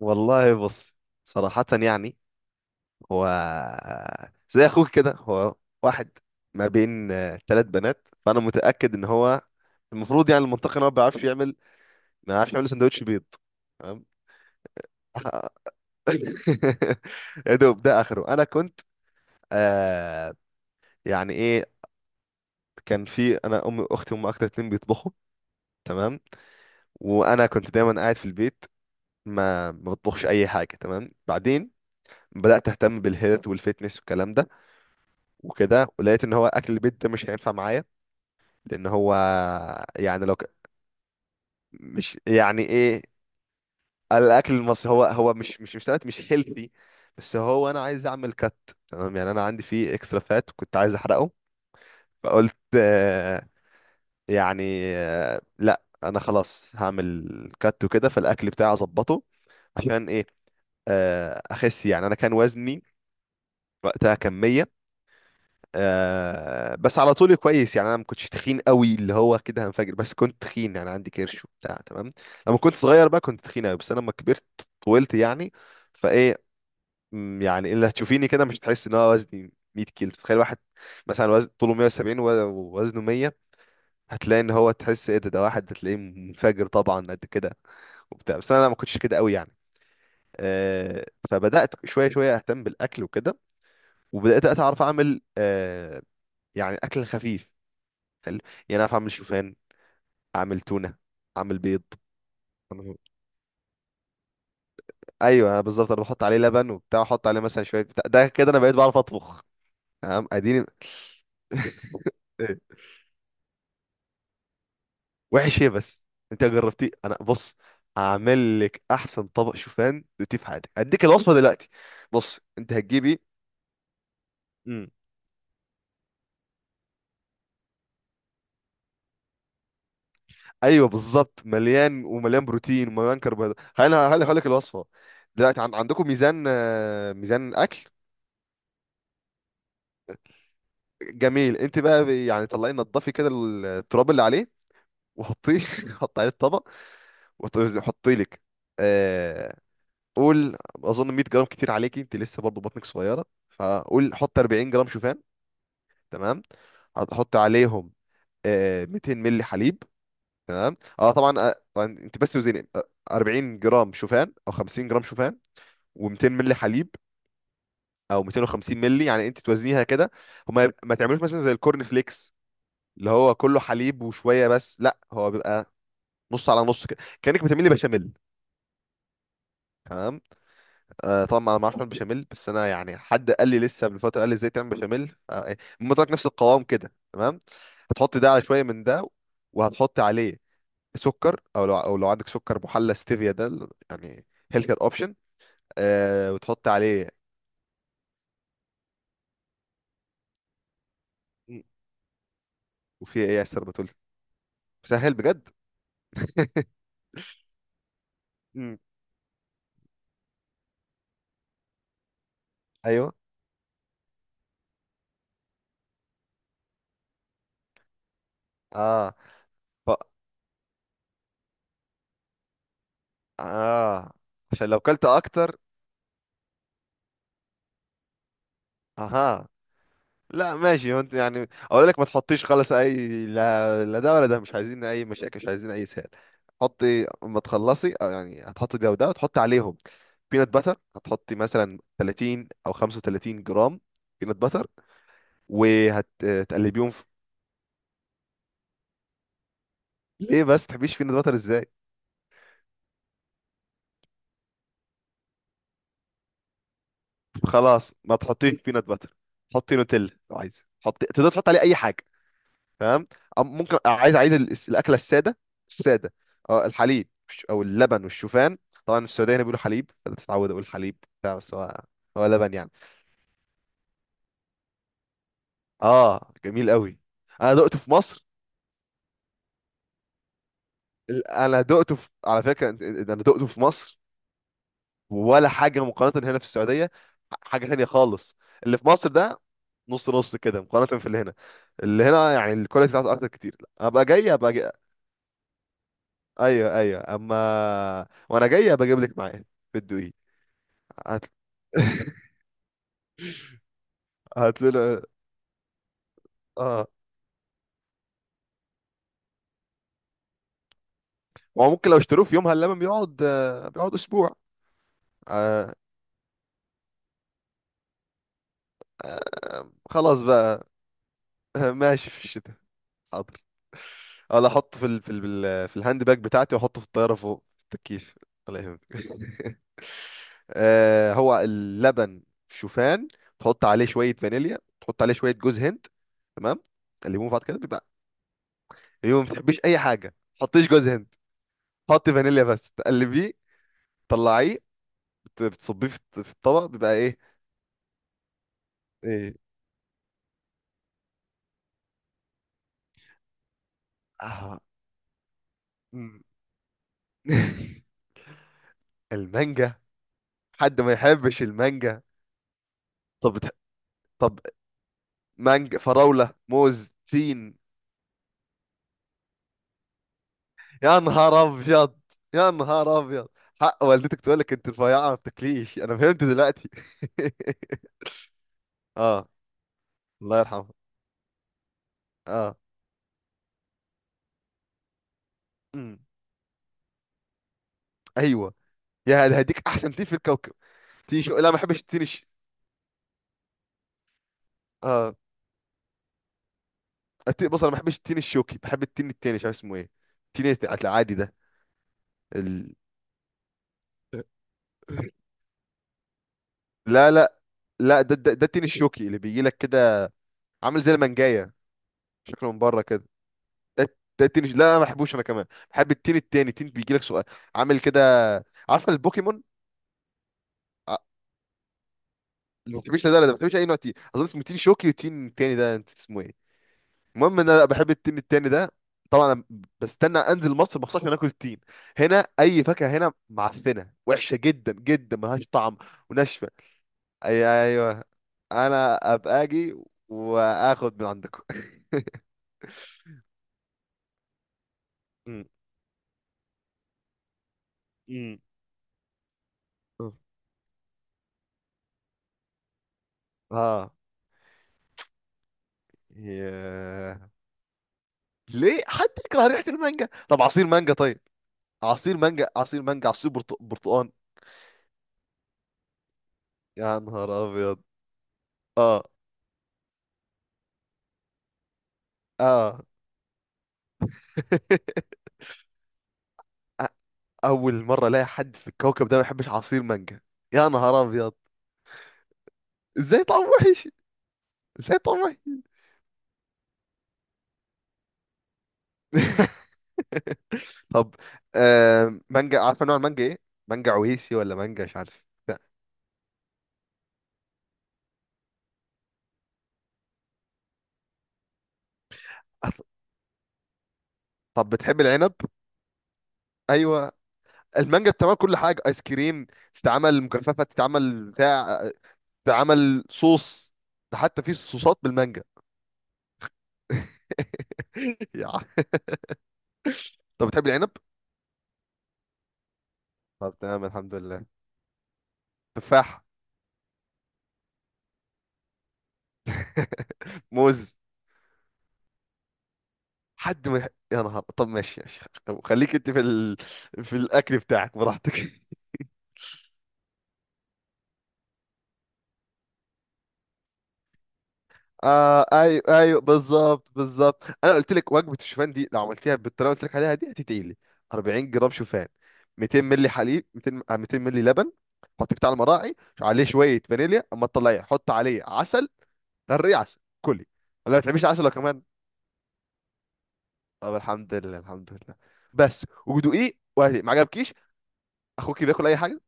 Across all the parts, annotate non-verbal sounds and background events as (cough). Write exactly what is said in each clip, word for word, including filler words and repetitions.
والله بص، صراحة يعني. هو زي اخوك كده. هو واحد ما بين آه، ثلاث بنات، فانا متأكد ان هو المفروض يعني المنطقي ان هو ما بيعرفش يعمل. ما بيعرفش يعمل سندوتش بيض، تمام. (laughs) يا دوب ده اخره. انا كنت آه يعني ايه. كان في، انا امي واختي هم اكتر اتنين بيطبخوا، تمام. وانا كنت دايما قاعد في البيت، ما ما بطبخش اي حاجة، تمام. بعدين بدأت اهتم بالهيلث والفيتنس والكلام ده وكده، ولقيت ان هو اكل البيت ده مش هينفع معايا لان هو يعني لو ك... مش، يعني ايه. الاكل المصري هو هو مش مش مش سمعت مش هيلثي. بس هو انا عايز اعمل كات، تمام. يعني انا عندي فيه اكسترا فات كنت عايز احرقه. فقلت آه، يعني آه، لا، انا خلاص هعمل كات وكده، فالاكل بتاعي اظبطه عشان ايه؟ آه، اخس. يعني انا كان وزني وقتها كمية. آه بس على طول كويس، يعني انا ما كنتش تخين قوي اللي هو كده هنفجر، بس كنت تخين يعني عندي كرش وبتاع، تمام. لما كنت صغير بقى كنت تخين قوي، بس انا لما كبرت طولت يعني، فايه. مم، يعني اللي هتشوفيني كده مش هتحس ان هو وزني مئة كيلو. تخيل واحد مثلا وزن طوله مية وسبعين و- ووزنه مية، هتلاقي ان هو تحس ايه ده ده واحد هتلاقيه منفجر طبعا قد كده وبتاع. بس انا ما كنتش كده قوي يعني. آه فبدات شويه شويه اهتم بالاكل وكده. وبدات اتعرف اعمل آه يعني اكل خفيف حلو. يعني اعرف اعمل شوفان، اعمل تونه، اعمل بيض. أنا- ايوه، أنا بالظبط. انا بحط عليه لبن وبتاع، احط عليه مثلا شويه بتاع ده كده. انا بقيت بعرف اطبخ، تمام. اديني. (laughs) إيه؟ وحش ايه بس؟ انت جربتيه؟ انا بص هعمل لك احسن طبق شوفان دوتيه في حياتك. هديك الوصفه دلوقتي. بص انت هتجيبي. امم. ايوه بالظبط، مليان ومليان بروتين ومليان كربوهيدرات. خلينا هقول لك الوصفه دلوقتي. عن... عندكم ميزان، آه، ميزان اكل؟ جميل، انت بقى يعني طلعي نضفي كده التراب اللي عليه، وحطيه. (laughs) حطي عليه الطبق، وحطي لك آه قول، اظن مية جرام كتير عليكي، انت لسه برضو بطنك صغيره. فقول حط اربعين جرام شوفان، تمام. هتحط عليهم آه ميتين مللي حليب، تمام. اه طبعا، آه طبعاً انت بس وزني، آه، اربعين جرام شوفان او خمسين جرام شوفان، و200 مللي حليب او ميتين وخمسين مللي. يعني انت توزنيها كده. هما ما تعملوش مثلا زي الكورن فليكس اللي هو كله حليب وشويه، بس لا. هو بيبقى نص على نص كده، كانك بتعملي بشاميل، تمام. آه طبعا انا ما اعرفش اعمل بشاميل، بس انا يعني حد قال لي لسه من فتره قال لي ازاي تعمل بشاميل. آه، إيه، المهم، طلعت نفس القوام كده، تمام. هتحطي ده على شويه من ده، وهتحطي عليه سكر، او لو او لو عندك سكر محلى ستيفيا، ده ال- يعني هيلثر اوبشن. آه وتحط عليه. مم. وفي ايه يا استاذ بتقول؟ سهل بجد. مم. ايوه. اه. ف... اه عشان لو كلت اكتر. اها. لا ماشي. هو انت يعني اقول لك ما تحطيش خالص اي، لا لا، ده ولا ده، مش عايزين اي مشاكل، مش عايزين اي سهل. حطي اما تخلصي. أو يعني هتحطي ده وده، وتحطي عليهم بينات باتر، هتحطي مثلا ثلاثين او خمسة وثلاثين جرام بينات باتر، وهتقلبيهم في... ليه بس تحبيش بينات باتر ازاي؟ خلاص ما تحطيش بينات باتر. حطي نوتيلا لو عايزه، حطي تقدر تحط عليه اي حاجه، تمام. أم- ممكن عايز، عايز ال- الاكله الساده، الساده. اه، الحليب والش- او اللبن والشوفان. طبعا في السعوديه هنا بيقولوا حليب، فتتعود اقول حليب بتاع، بس هو هو لبن يعني. اه، جميل قوي. انا دقته في مصر. ال- انا دقته في... على فكره، أنت- أنت- انا دقته في مصر، ولا حاجه مقارنه هنا في السعوديه. حاجه تانية خالص. اللي في مصر ده نص نص كده مقارنه في اللي هنا. اللي هنا يعني الكواليتي بتاعته اكتر كتير. ابقى جاي، ابقى جاي. ايوه ايوه، اما وانا جاي ابقى اجيب لك معايا، بتدوقيه. هت... (laughs) هتلاقي. اه، ما هو ممكن لو اشتروه في يومها اللبن بيقعد، آه، بيقعد اسبوع. آه، خلاص بقى. (laughs) ماشي في الشتاء. حاضر. ولا احطه في ال... في ال... في الهاند باج بتاعتي، واحطه في الطياره فوق في التكييف. ولا يهمك. (laughs) آه، هو اللبن شوفان، تحط عليه شويه فانيليا، تحط عليه شويه جوز هند، تمام. تقلبهم في بعض كده. بيبقى، يوم ما تحبيش اي حاجه ما تحطيش جوز هند. حطي فانيليا بس، تقلبيه، تطلعيه، بت- بتصبيه في الط- في الطبق. بيبقى ايه، ايه. آه. مم. (laughs) المانجا. حد ما يحبش المانجا؟ طب بتح... طب مانجا، فراولة، موز، تين. يا نهار ابيض. يا نهار ابيضد. حق والدتك تقول لك انت رفيعة ما بتاكليش، انا فهمت دلوقتي. (laughs) اه. الله يرحمه. اه. امم. ايوه. يا هذا، هديك احسن تين في الكوكب. تين شو؟ لا، ما بحبش التين الش... اه. التين بص، انا ما بحبش التين الشوكي، بحب التين التاني، مش عارف اسمه ايه. التين الت- العادي ده. ال... لا لا. لا، ده ده, ده التين الشوكي اللي بيجي لك كده، عامل زي المانجايه شكله من بره كده. ده ده التين، لا انا ما بحبوش انا كمان. بحب التين التاني، تين بيجي لك سؤال، عامل كده. عارفه البوكيمون؟ ع- اللي ما بتحبش ده ولا ده؟ ما بتحبش اي نوع تين. اظن اسمه تين شوكي، والتين التاني ده انت اسمه ايه؟ المهم ان انا لا بحب التين التاني ده. طبعا أنا بستنى انزل مصر مخصوص عشان اكل التين. هنا اي فاكهه هنا معفنه، وحشه جدا جدا، ملهاش طعم وناشفه. ايوه ايوه، انا ابقى اجي واخد من عندكم. (laughs) ها. ياه. ليه حد يكره ريحة المانجا؟ طب عصير مانجا طيب؟ عصير مانجا، عصير مانجا، عصير برتق... برتقان. يا نهار ابيض. اه. اه. (laughs) أ- اول مرة الاقي حد في الكوكب ده ما يحبش عصير مانجا. يا نهار ابيض. ازاي طعم وحش؟ ازاي طعم وحش؟ (laughs) طب آه مانجا، عارفة نوع المانجا ايه؟ مانجا عويسي، ولا مانجا مش عارف. (laughs) لا. طب بتحب العنب؟ ايوه، المانجا بتعمل كل حاجه، ايس كريم، تتعمل مجففه، تتعمل بتاع، ده عمل صوص. ده حتى في صوصات بالمانجا. (laughs) يا عم. طب بتحب العنب؟ طب تمام، الحمد لله. تفاح. (laughs) موز. حد ما يح- يا نهار. طب ماشي ماشي، طب خليك انت في ال... في الاكل بتاعك براحتك. (laughs) آه ايوه ايوه بالظبط بالظبط. انا قلت لك وجبه الشوفان دي لو عملتيها بالطريقه اللي قلت لك عليها دي هتتقلي. اربعين جرام شوفان، ميتين مللي حليب، ميتين م- آه، ميتين مللي لبن. حطيه بتاع المراعي. عليه شويه فانيليا، اما تطلعيه حط عليه عسل، غرقيه عسل كلي. ولا ما بتحبيش عسل لو كمان؟ طب الحمد لله الحمد لله. بس ودوقيه، وهدي ما عجبكيش، اخوكي بياكل اي حاجه.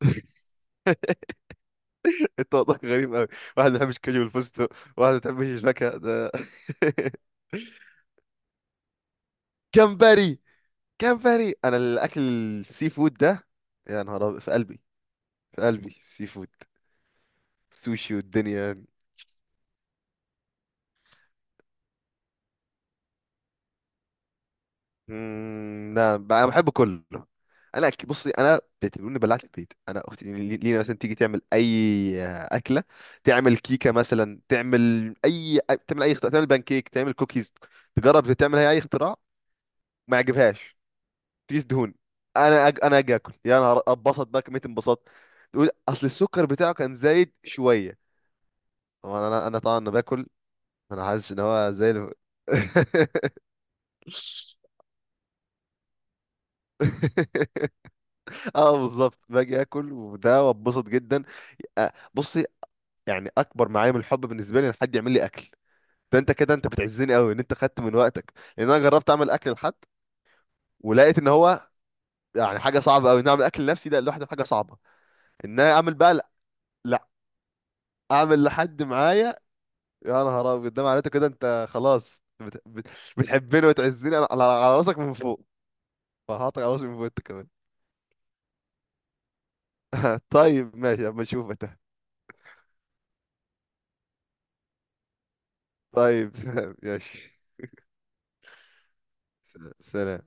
(laughs) انت وضعك غريب قوي. واحد ما بيحبش كاجو والفستق، واحد ما بيحبش الفاكهه ده. (laughs) كامباري. كامباري، انا الاكل السي فود ده، يا نهار أبيض، في قلبي، في قلبي السي فود، سوشي والدنيا. مم، لا بقى. انا بحب كله. انا أك- بصي، انا بتقولني بلعت البيت. انا اختي لي- لينا مثلا تيجي تعمل اي اكله، تعمل كيكه مثلا، تعمل اي، تعمل اي اختراع، تعمل بانكيك، تعمل كوكيز، تجرب تعمل هي اي اختراع ما يعجبهاش. تيجي دهون، انا أج... انا اجي اكل، يا نهار اتبسط بقى كميه انبساط. تقول اصل السكر بتاعه كان زايد شويه. طبعا انا، انا طبعا أنا باكل. انا حاسس ان هو زي الف- (laughs) اه بالظبط، باجي اكل وده، واتبسط جدا. آه، بصي، يعني اكبر معايا من الحب بالنسبه لي ان حد يعمل لي اكل. ده انت كده، انت بتعزني قوي ان انت خدت من وقتك، لان انا جربت اعمل اكل لحد، ولقيت ان هو يعني حاجه صعبه قوي ان اعمل اكل لنفسي ده لوحده، حاجه صعبه ان انا اعمل بقى. لا، لا، اعمل لحد معايا؟ يا نهار ابيض، ده معناته كده انت خلاص بت... بت... بتحبني وتعزني على على- على راسك من فوق، فهعطيك على راسي من فوق انت كمان. طيب ماشي، اما اشوفك. طيب (laughs) ماشي. س- سلام.